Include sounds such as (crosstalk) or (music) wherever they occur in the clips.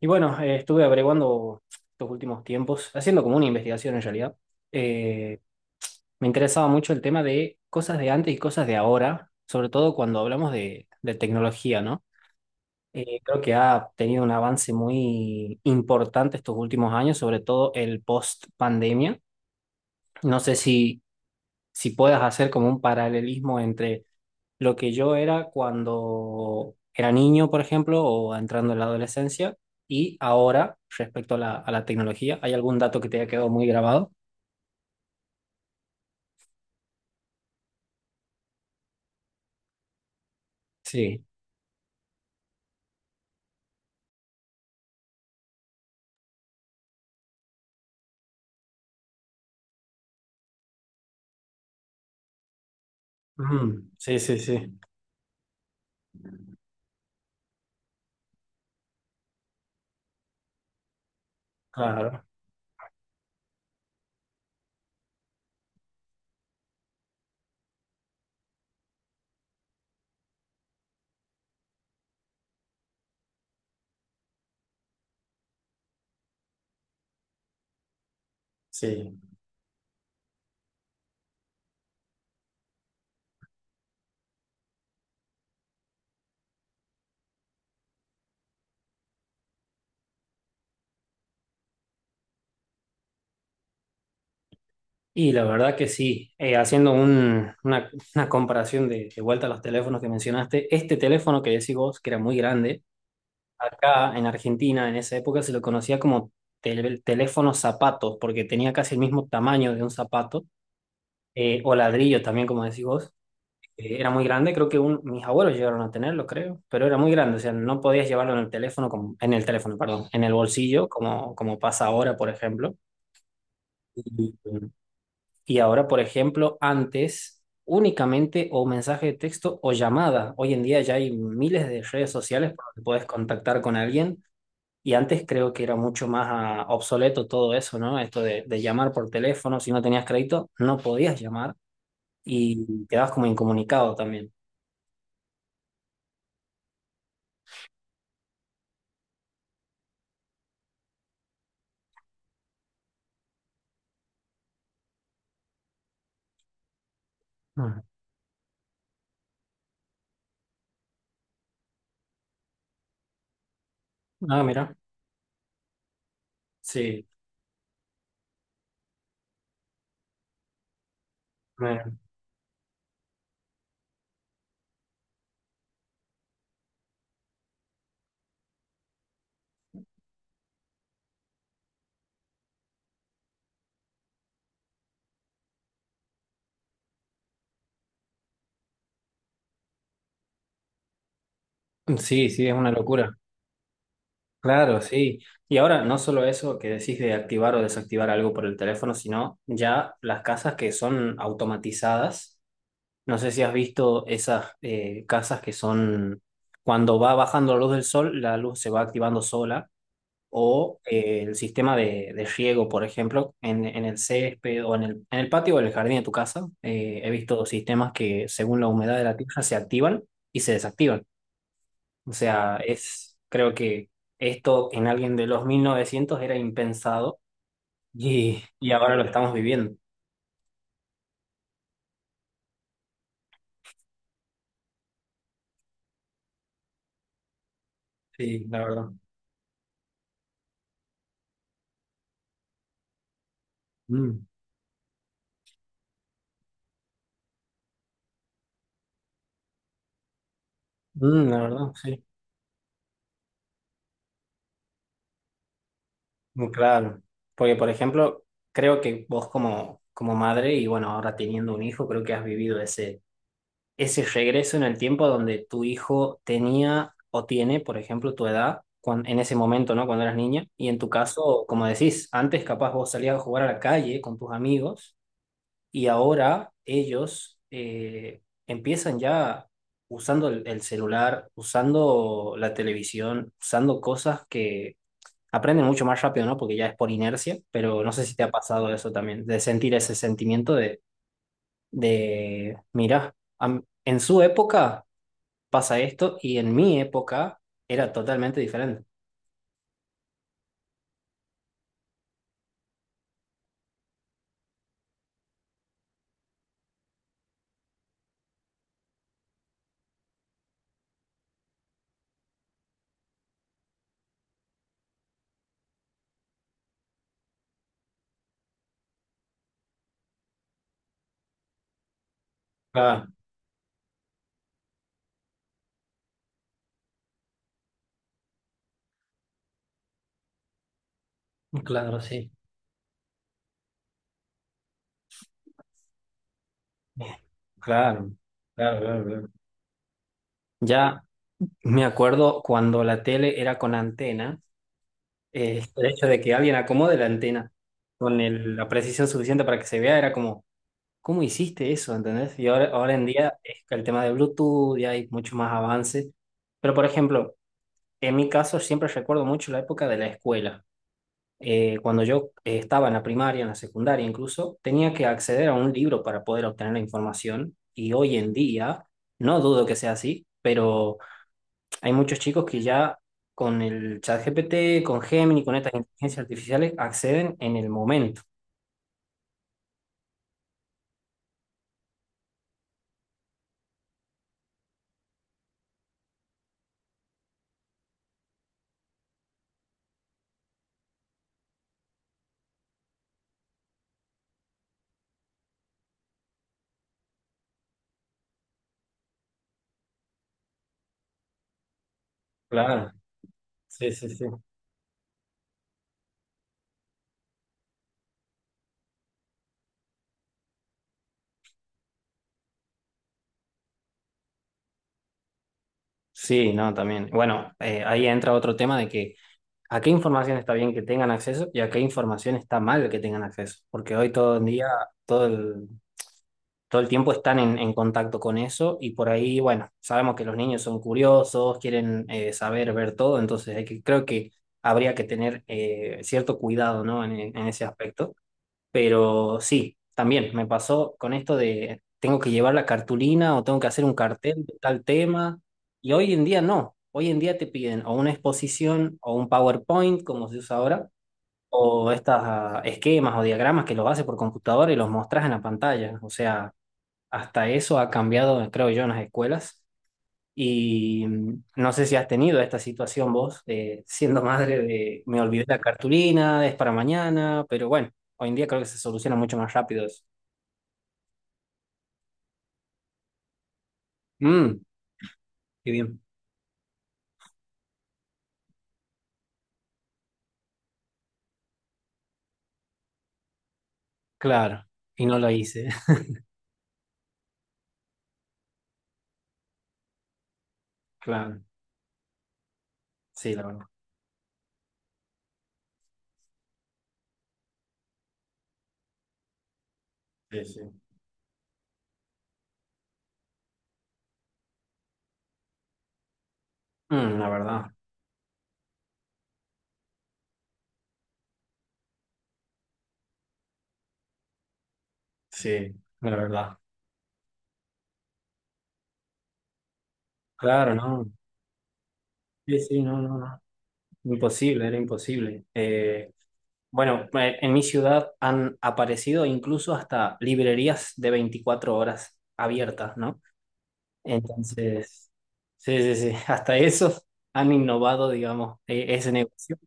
Y bueno, estuve averiguando estos últimos tiempos, haciendo como una investigación en realidad. Eh, me interesaba mucho el tema de cosas de antes y cosas de ahora, sobre todo cuando hablamos de tecnología, ¿no? Creo que ha tenido un avance muy importante estos últimos años, sobre todo el post pandemia. No sé si, si puedas hacer como un paralelismo entre lo que yo era cuando era niño, por ejemplo, o entrando en la adolescencia, y ahora respecto a la tecnología. ¿Hay algún dato que te haya quedado muy grabado? Sí. Mm, sí, sí, sí. Claro, sí. Y la verdad que sí. Haciendo una comparación de vuelta a los teléfonos que mencionaste, este teléfono que decís vos, que era muy grande, acá en Argentina en esa época se lo conocía como teléfono zapato, porque tenía casi el mismo tamaño de un zapato, o ladrillo también, como decís vos. Era muy grande, creo que mis abuelos llegaron a tenerlo, creo, pero era muy grande, o sea, no podías llevarlo en el teléfono, como, en el teléfono, perdón, en el bolsillo, como, como pasa ahora, por ejemplo. Y, y ahora, por ejemplo, antes únicamente o mensaje de texto o llamada. Hoy en día ya hay miles de redes sociales por donde puedes contactar con alguien. Y antes creo que era mucho más obsoleto todo eso, ¿no? Esto de llamar por teléfono, si no tenías crédito, no podías llamar y quedabas como incomunicado también. Ah, ah, sí, mira. Sí, sí, es una locura. Claro, sí. Y ahora no solo eso que decís de activar o desactivar algo por el teléfono, sino ya las casas que son automatizadas. No sé si has visto esas casas que son, cuando va bajando la luz del sol, la luz se va activando sola o el sistema de riego, por ejemplo, en el césped o en el patio o en el jardín de tu casa. He visto sistemas que según la humedad de la tierra se activan y se desactivan. O sea, es, creo que esto en alguien de los 1900 era impensado y ahora lo estamos viviendo. Sí, la verdad. Mm, mm, la verdad, sí. Muy claro. Porque, por ejemplo, creo que vos como, como madre y bueno, ahora teniendo un hijo, creo que has vivido ese ese regreso en el tiempo donde tu hijo tenía o tiene, por ejemplo, tu edad en ese momento, ¿no? Cuando eras niña. Y en tu caso, como decís, antes capaz vos salías a jugar a la calle con tus amigos y ahora ellos empiezan ya usando el celular, usando la televisión, usando cosas que aprenden mucho más rápido, ¿no? Porque ya es por inercia, pero no sé si te ha pasado eso también, de sentir ese sentimiento de mira, en su época pasa esto y en mi época era totalmente diferente. Claro, claro, sí. Claro. Claro, claro, claro. Ya me acuerdo cuando la tele era con antena. El hecho de que alguien acomode la antena con la precisión suficiente para que se vea era como, ¿cómo hiciste eso? ¿Entendés? Y ahora, ahora en día es que el tema de Bluetooth y hay mucho más avance. Pero por ejemplo, en mi caso siempre recuerdo mucho la época de la escuela. Cuando yo estaba en la primaria, en la secundaria incluso, tenía que acceder a un libro para poder obtener la información y hoy en día, no dudo que sea así, pero hay muchos chicos que ya con el ChatGPT, con Gemini, con estas inteligencias artificiales acceden en el momento. Claro, sí, sí, sí. Sí, no, también. Bueno, ahí entra otro tema de que a qué información está bien que tengan acceso y a qué información está mal que tengan acceso, porque hoy todo el día, todo el, todo el tiempo están en contacto con eso y por ahí, bueno, sabemos que los niños son curiosos, quieren saber, ver todo, entonces hay que, creo que habría que tener cierto cuidado, ¿no? En ese aspecto. Pero sí, también me pasó con esto de tengo que llevar la cartulina o tengo que hacer un cartel de tal tema y hoy en día no. Hoy en día te piden o una exposición o un PowerPoint, como se usa ahora, o estos esquemas o diagramas que los haces por computadora y los mostras en la pantalla. O sea, hasta eso ha cambiado, creo yo, en las escuelas. Y no sé si has tenido esta situación vos, siendo madre de me olvidé la cartulina, es para mañana, pero bueno, hoy en día creo que se soluciona mucho más rápido eso. Mm, qué bien. Claro, y no lo hice. (laughs) Claro, sí, la verdad. Sí, sí. Mm, la verdad, sí, la verdad. Claro, no. Sí, sí, no, no, no. Imposible, era imposible. Bueno, en mi ciudad han aparecido incluso hasta librerías de 24 horas abiertas, ¿no? Entonces, sí, sí, sí, (laughs) hasta eso han innovado, digamos, ese negocio.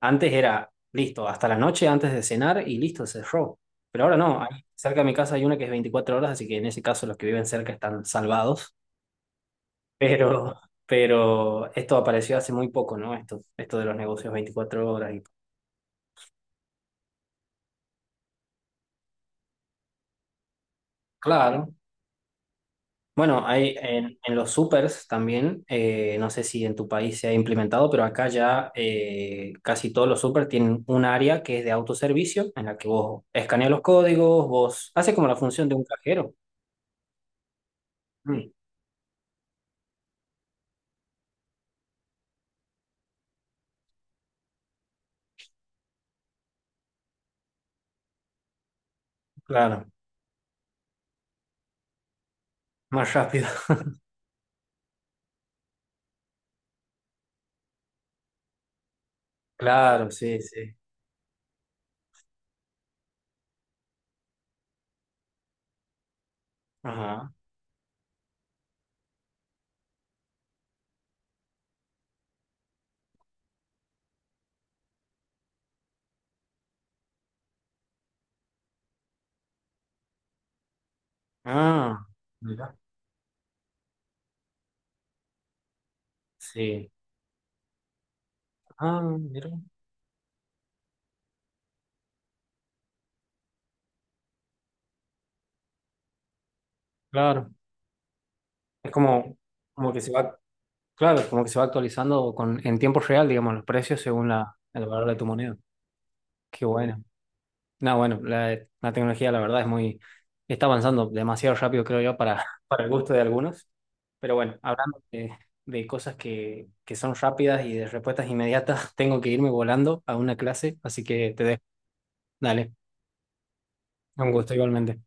Antes era, listo, hasta la noche antes de cenar y listo, cerró. Pero ahora no, ahí cerca de mi casa hay una que es 24 horas, así que en ese caso los que viven cerca están salvados. (laughs) Pero esto apareció hace muy poco, ¿no? Esto de los negocios 24 horas y... Claro. Bueno, hay en los supers también, no sé si en tu país se ha implementado, pero acá ya casi todos los supers tienen un área que es de autoservicio, en la que vos escaneas los códigos, vos hace como la función de un cajero. Mm, claro, más rápido. (laughs) Claro, sí, sí. Ajá. Ah, mira. Sí. Ah, mira. Claro. Es como, como que se va, claro, como que se va actualizando con, en tiempo real, digamos, los precios según la, el valor de tu moneda. Qué bueno. No, bueno, la tecnología la verdad es muy, está avanzando demasiado rápido, creo yo, para, (laughs) para el gusto de algunos. Pero bueno, hablando de cosas que son rápidas y de respuestas inmediatas, (laughs) tengo que irme volando a una clase, así que te dejo. Dale, un gusto igualmente.